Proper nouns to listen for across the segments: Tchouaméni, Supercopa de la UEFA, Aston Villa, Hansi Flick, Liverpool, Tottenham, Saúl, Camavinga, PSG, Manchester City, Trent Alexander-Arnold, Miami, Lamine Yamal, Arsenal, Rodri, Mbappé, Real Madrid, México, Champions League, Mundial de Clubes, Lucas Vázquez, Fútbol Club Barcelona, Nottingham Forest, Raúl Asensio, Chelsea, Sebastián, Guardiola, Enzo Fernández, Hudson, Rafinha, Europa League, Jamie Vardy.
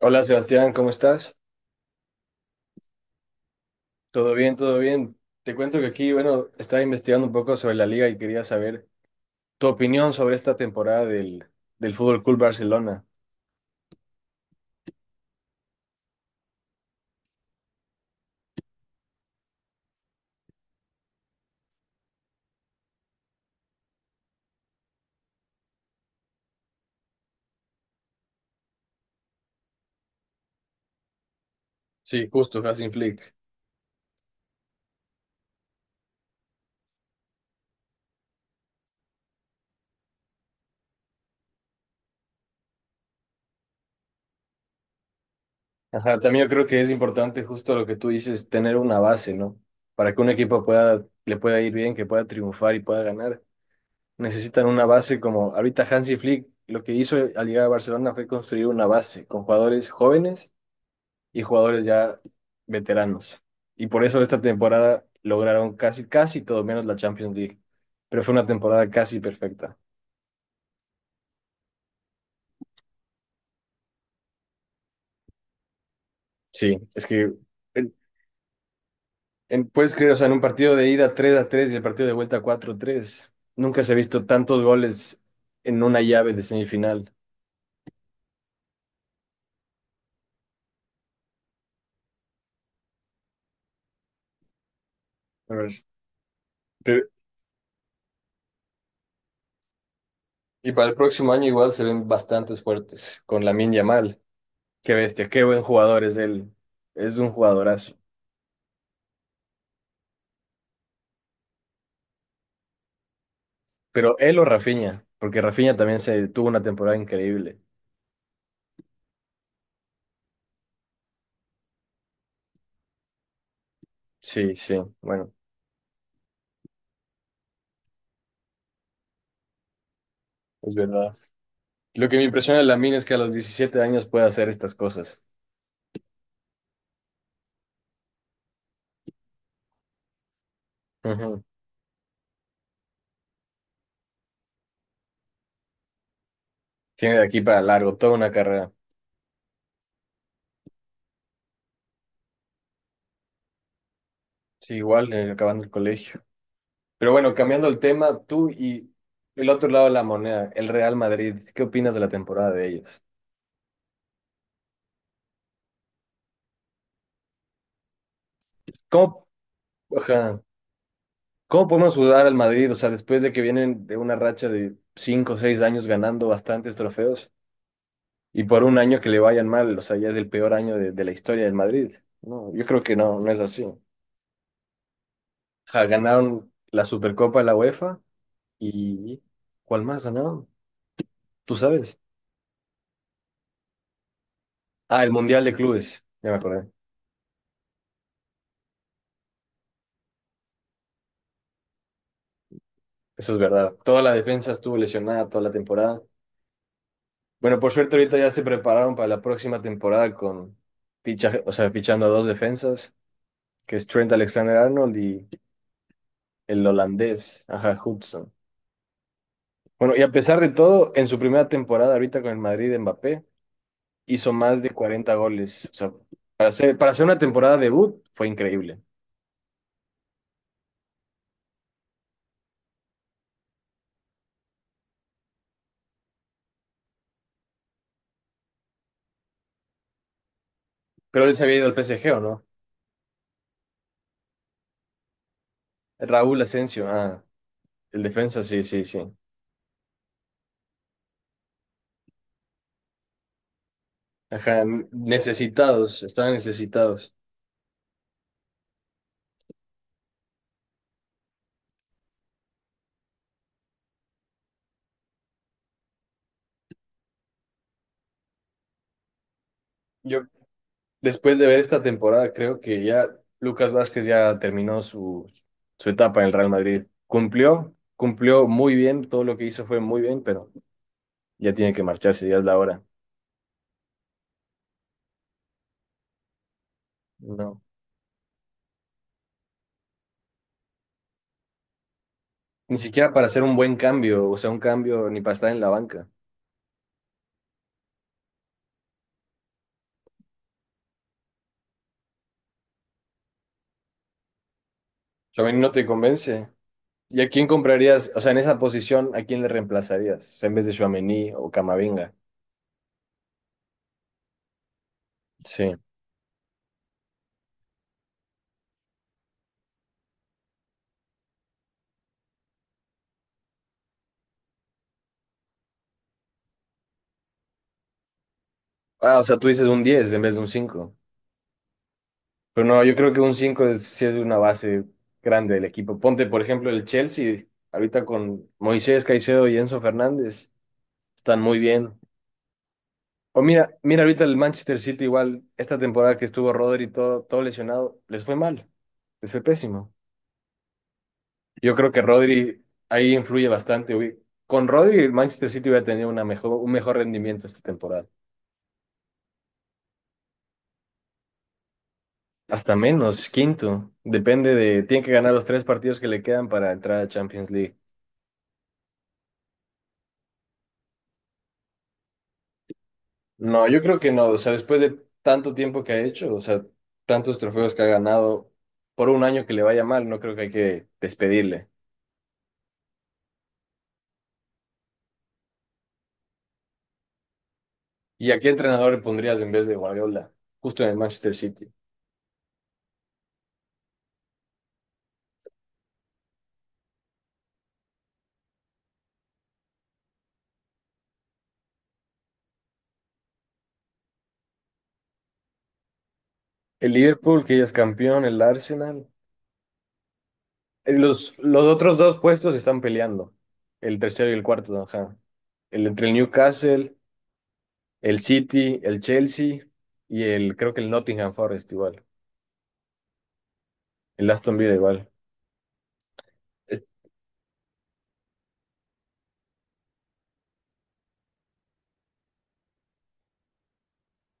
Hola Sebastián, ¿cómo estás? ¿Todo bien? ¿Todo bien? Te cuento que aquí, bueno, estaba investigando un poco sobre la liga y quería saber tu opinión sobre esta temporada del Fútbol Club Barcelona. Sí, justo, Hansi Flick. Ajá, también yo creo que es importante justo lo que tú dices, tener una base, ¿no? Para que un equipo le pueda ir bien, que pueda triunfar y pueda ganar. Necesitan una base como ahorita Hansi Flick lo que hizo al llegar a Barcelona fue construir una base con jugadores jóvenes y jugadores ya veteranos. Y por eso esta temporada lograron casi, casi todo menos la Champions League. Pero fue una temporada casi perfecta. Sí, es que en- puedes creer, o sea, en un partido de ida 3 a 3 y el partido de vuelta 4 a 3, nunca se ha visto tantos goles en una llave de semifinal. A ver, pero- y para el próximo año igual se ven bastantes fuertes con Lamine Yamal. Qué bestia, qué buen jugador es él. Es un jugadorazo. Pero él o Rafinha, porque Rafinha también se tuvo una temporada increíble. Sí, sí, bueno, es verdad. Lo que me impresiona de Lamine es que a los 17 años puede hacer estas cosas. Ujú. Tiene de aquí para largo toda una carrera. Sí, igual, acabando el colegio. Pero bueno, cambiando el tema, tú y el otro lado de la moneda, el Real Madrid, ¿qué opinas de la temporada de ellos? ¿Cómo, ajá, ¿cómo podemos ayudar al Madrid? O sea, después de que vienen de una racha de 5 o 6 años ganando bastantes trofeos, y por un año que le vayan mal, o sea, ya es el peor año de la historia del Madrid. No, yo creo que no, no es así. Ja, ganaron la Supercopa de la UEFA y ¿cuál más ganaron? ¿Tú sabes? Ah, el Mundial de Clubes, ya me acordé. Eso es verdad. Toda la defensa estuvo lesionada toda la temporada. Bueno, por suerte ahorita ya se prepararon para la próxima temporada con fichando a dos defensas, que es Trent Alexander-Arnold y el holandés, ajá, Hudson. Bueno, y a pesar de todo, en su primera temporada ahorita con el Madrid, Mbappé hizo más de 40 goles. O sea, para hacer una temporada debut fue increíble. Pero él se había ido al PSG, ¿o no? Raúl Asensio, ah, el defensa, sí, sí, sí. Ajá, estaban necesitados. Yo, después de ver esta temporada, creo que ya Lucas Vázquez ya terminó su etapa en el Real Madrid. Cumplió muy bien, todo lo que hizo fue muy bien, pero ya tiene que marcharse, ya es la hora. No. Ni siquiera para hacer un buen cambio, o sea, un cambio ni para estar en la banca. Tchouaméni no te convence. ¿Y a quién comprarías? O sea, en esa posición, ¿a quién le reemplazarías? O sea, en vez de Tchouaméni o Camavinga. Sí. Ah, o sea, tú dices un 10 en vez de un 5. Pero no, yo creo que sí es una base grande del equipo. Ponte, por ejemplo, el Chelsea, ahorita con Moisés Caicedo y Enzo Fernández, están muy bien. O mira ahorita el Manchester City igual, esta temporada que estuvo Rodri todo lesionado, les fue mal, les fue pésimo. Yo creo que Rodri ahí influye bastante, güey. Con Rodri, el Manchester City hubiera tenido un mejor rendimiento esta temporada. Hasta menos, quinto. Depende de. Tiene que ganar los tres partidos que le quedan para entrar a Champions League. No, yo creo que no. O sea, después de tanto tiempo que ha hecho, o sea, tantos trofeos que ha ganado, por un año que le vaya mal, no creo que hay que despedirle. ¿Y a qué entrenador le pondrías en vez de Guardiola? Justo en el Manchester City. El Liverpool, que ya es campeón, el Arsenal. Eh, los otros dos puestos están peleando. El tercero y el cuarto, ajá. El entre el Newcastle, el City, el Chelsea y el, creo que el Nottingham Forest igual. El Aston Villa igual. Es-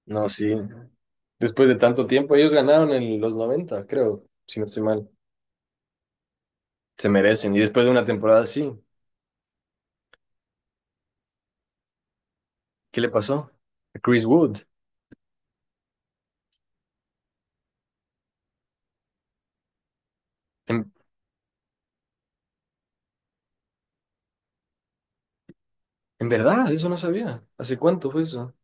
No, sí. Después de tanto tiempo, ellos ganaron en los 90 creo, si no estoy mal. Se merecen. Y después de una temporada así, ¿qué le pasó? A Chris Wood. En, en verdad, eso no sabía. ¿Hace cuánto fue eso?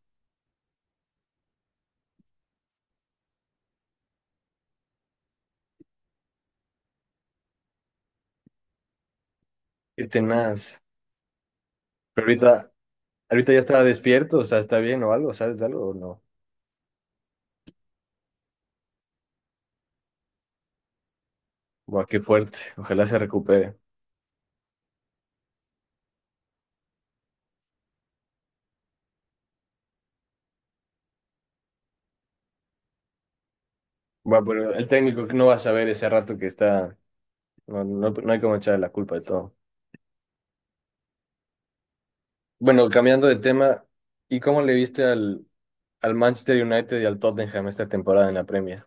Qué tenaz. Pero ahorita ya está despierto, o sea, está bien o algo, ¿sabes de algo o no? Buah, qué fuerte. Ojalá se recupere. Buah, pero el técnico no va a saber ese rato que está. No, no hay como echarle la culpa de todo. Bueno, cambiando de tema, ¿y cómo le viste al Manchester United y al Tottenham esta temporada en la Premier?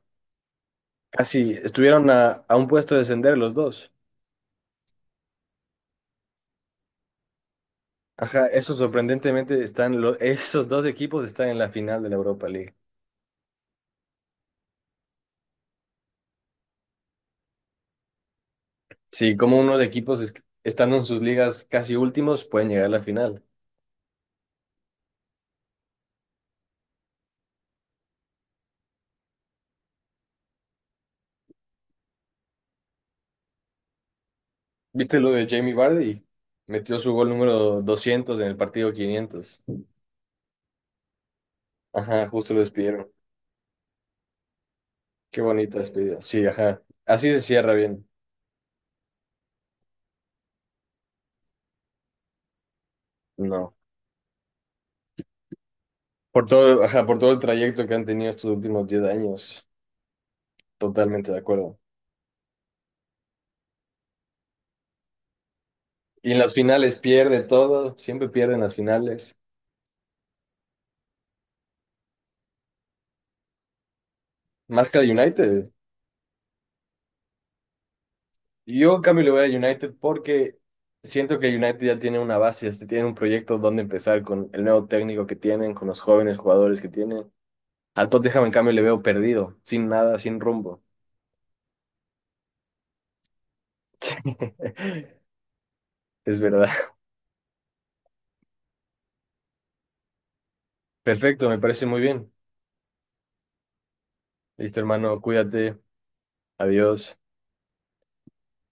Casi estuvieron a un puesto de descender los dos. Ajá, eso sorprendentemente esos dos equipos están en la final de la Europa League. Sí, como estando en sus ligas casi últimos pueden llegar a la final. ¿Viste lo de Jamie Vardy? Metió su gol número 200 en el partido 500. Ajá, justo lo despidieron. Qué bonita despedida. Sí, ajá. Así se cierra bien. No. Por todo, ajá, por todo el trayecto que han tenido estos últimos 10 años. Totalmente de acuerdo. Y en las finales pierde todo. Siempre pierden las finales. Más que a United. Yo, en cambio, le voy a United porque siento que United ya tiene una base, este, tiene un proyecto donde empezar con el nuevo técnico que tienen, con los jóvenes jugadores que tienen. Al Tottenham, en cambio, le veo perdido, sin nada, sin rumbo. Es verdad. Perfecto, me parece muy bien. Listo, hermano, cuídate. Adiós.